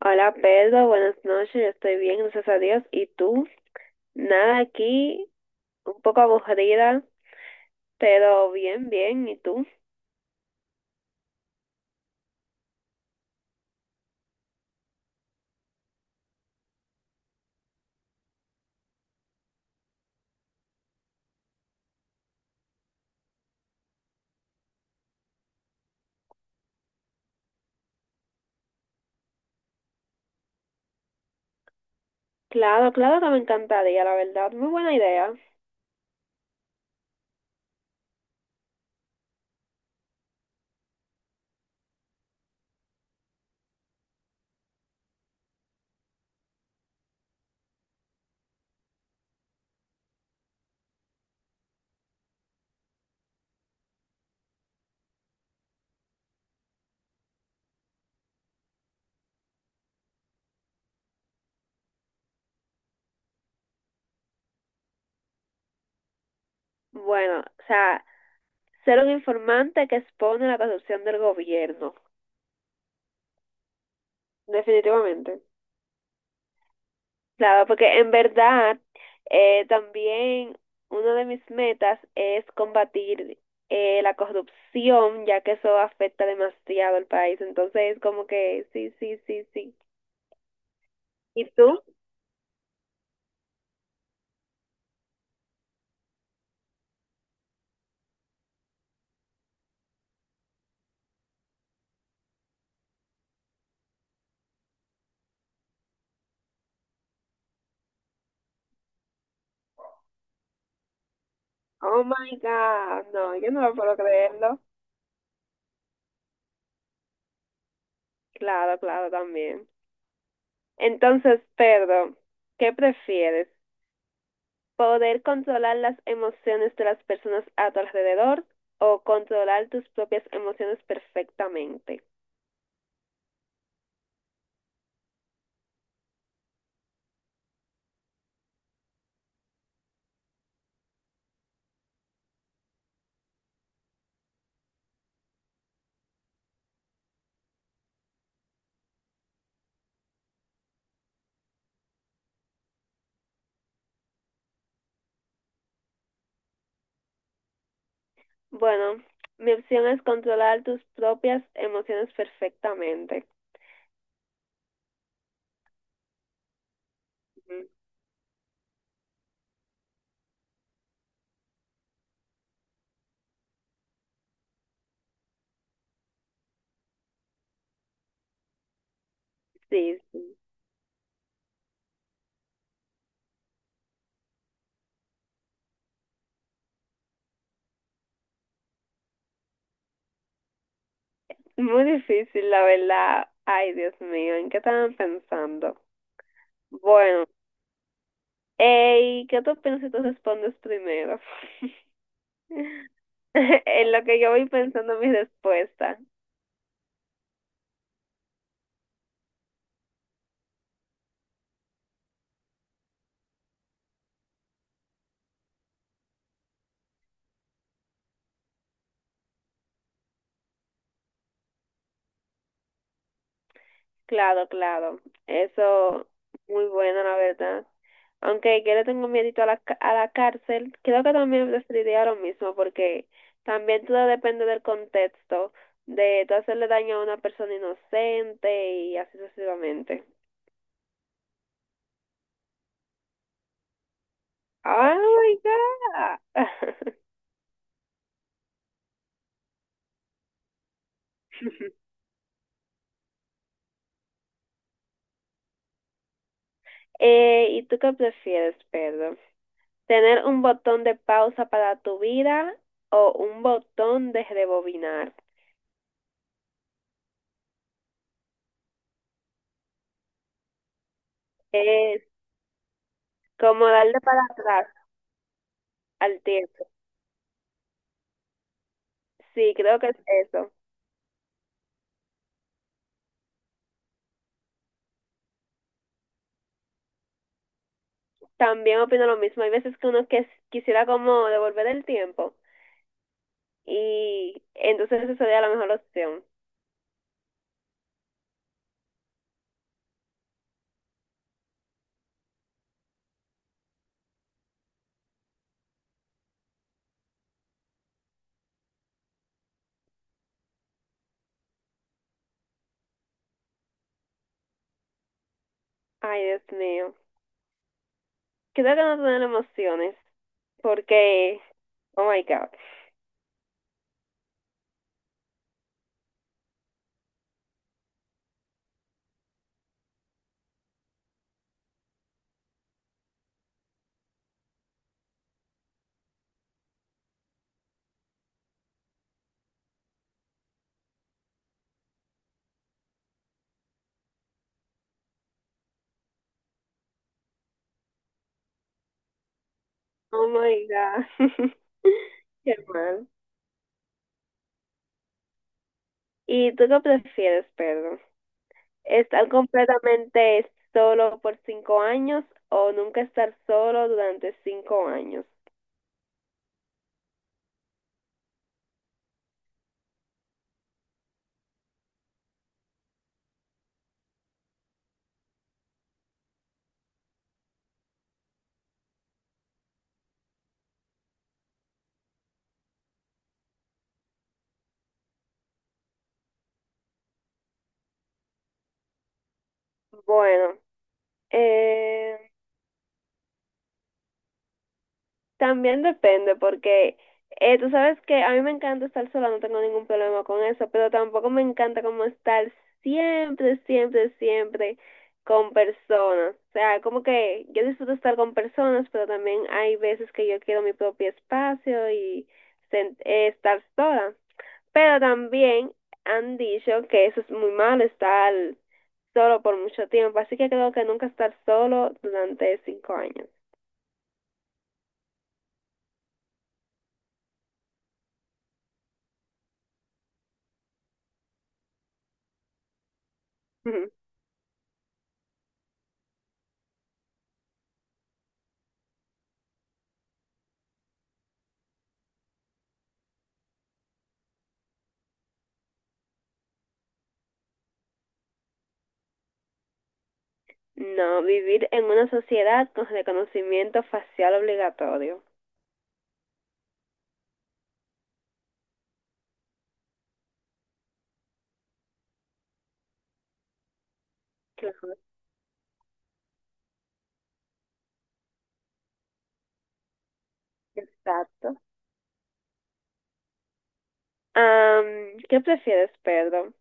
Hola Pedro, buenas noches, yo estoy bien, gracias a Dios. ¿Y tú? Nada aquí, un poco aburrida, pero bien, bien. ¿Y tú? Claro, claro que me encantaría, la verdad, muy buena idea. Bueno, o sea, ser un informante que expone la corrupción del gobierno, definitivamente. Claro, porque en verdad también una de mis metas es combatir la corrupción, ya que eso afecta demasiado al país. Entonces, como que sí, sí, sí, sí. ¿Y tú? Oh my God, no, yo no lo puedo creerlo. Claro, claro, también. Entonces, Pedro, ¿qué prefieres? ¿Poder controlar las emociones de las personas a tu alrededor o controlar tus propias emociones perfectamente? Bueno, mi opción es controlar tus propias emociones perfectamente. Ujú. Sí, sí. Muy difícil, la verdad. Ay, Dios mío, ¿en qué estaban pensando? Bueno, ey, ¿qué tú piensas si tú respondes primero? En lo que yo voy pensando mi respuesta. Claro, claro. Eso, muy buena, la verdad. Aunque yo le tengo miedito a la, ca- a la cárcel, creo que también preferiría lo mismo, porque también todo depende del contexto, de tú hacerle daño a una persona inocente y así sucesivamente. ¡Oh, my God! ¿Y tú qué prefieres, Pedro? ¿Tener un botón de pausa para tu vida o un botón de rebobinar? Es como darle para atrás al tiempo. Sí, creo que es eso. También opino lo mismo. Hay veces que uno que quisiera como devolver el tiempo y entonces esa sería la mejor opción. Ay, Dios mío. Creo que no tener emociones porque, oh my God, oh my God, qué mal. ¿Y tú qué prefieres, Pedro? ¿Estar completamente solo por 5 años o nunca estar solo durante 5 años? Bueno, eh, también depende, porque tú sabes que a mí me encanta estar sola, no tengo ningún problema con eso, pero tampoco me encanta como estar siempre, siempre, siempre con personas. O sea, como que yo disfruto estar con personas, pero también hay veces que yo quiero mi propio espacio y estar sola. Pero también han dicho que eso es muy malo, estar solo por mucho tiempo, así que creo que nunca estar solo durante cinco años. No, vivir en una sociedad con reconocimiento facial obligatorio. Claro. Exacto. Am, ¿qué prefieres, Pedro?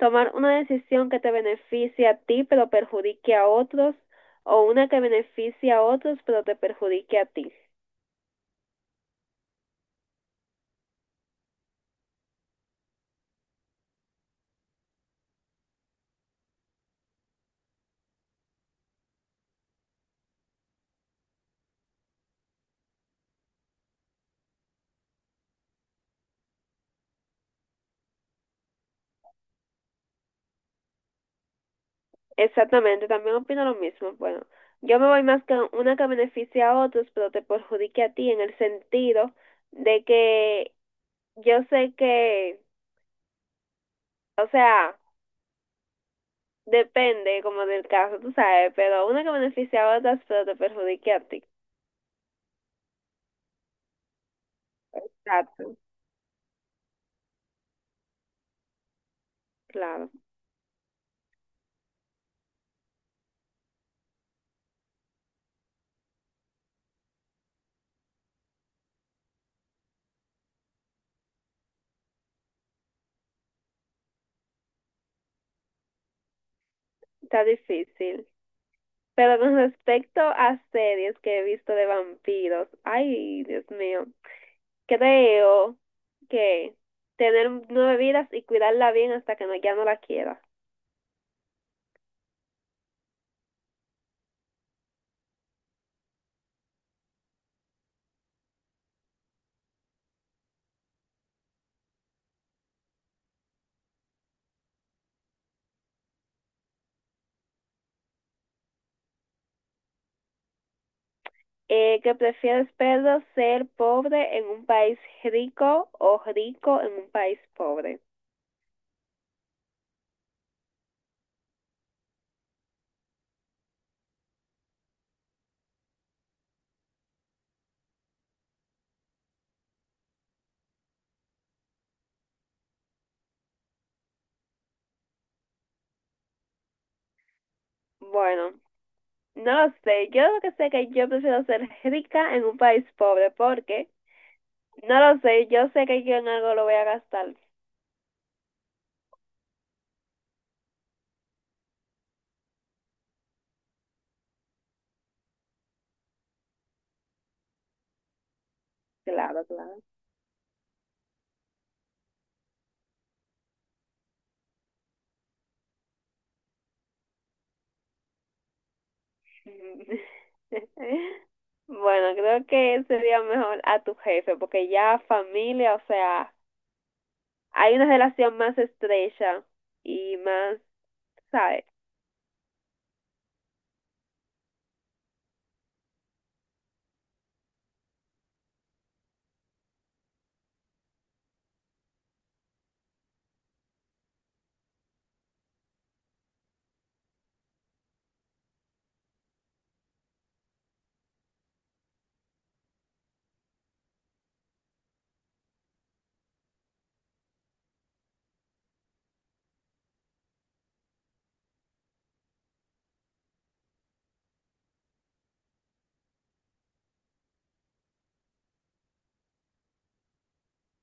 ¿Tomar una decisión que te beneficie a ti pero perjudique a otros o una que beneficie a otros pero te perjudique a ti? Exactamente, también opino lo mismo. Bueno, yo me voy más con una que beneficie a otros pero te perjudique a ti en el sentido de que yo sé que, o sea, depende como del caso, tú sabes, pero una que beneficia a otras, pero te perjudique a ti. Exacto, claro, está difícil. Pero con respecto a series que he visto de vampiros, ay, Dios mío, creo que tener 9 vidas y cuidarla bien hasta que no, ya no la quiera. Que prefieres, Pedro, ¿ser pobre en un país rico o rico en un país pobre? Bueno, no lo sé, yo lo que sé es que yo prefiero ser rica en un país pobre, porque no lo sé, yo sé que yo en algo lo voy a gastar. Claro, claro. Bueno, creo que sería mejor a tu jefe, porque ya familia, o sea, hay una relación más estrecha y más, ¿sabes?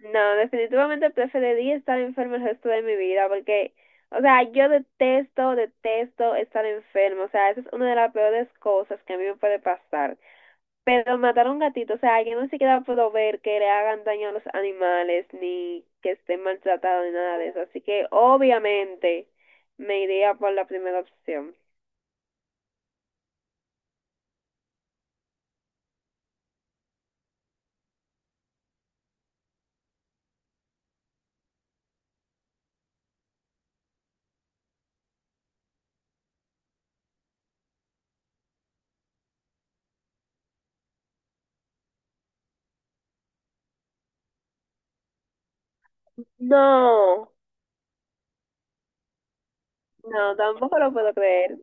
No, definitivamente preferiría estar enferma el resto de mi vida porque, o sea, yo detesto, detesto estar enfermo. O sea, esa es una de las peores cosas que a mí me puede pasar. Pero matar a un gatito, o sea, yo ni siquiera puedo ver que le hagan daño a los animales ni que estén maltratados ni nada de eso. Así que obviamente me iría por la primera opción. No, no, tampoco lo puedo creer.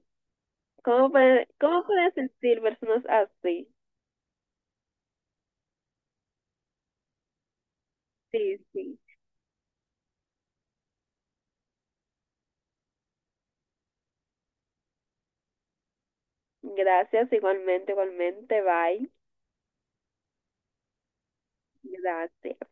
Cómo pueden sentir personas así? Sí, sí. Gracias, igualmente, igualmente. Bye. Gracias.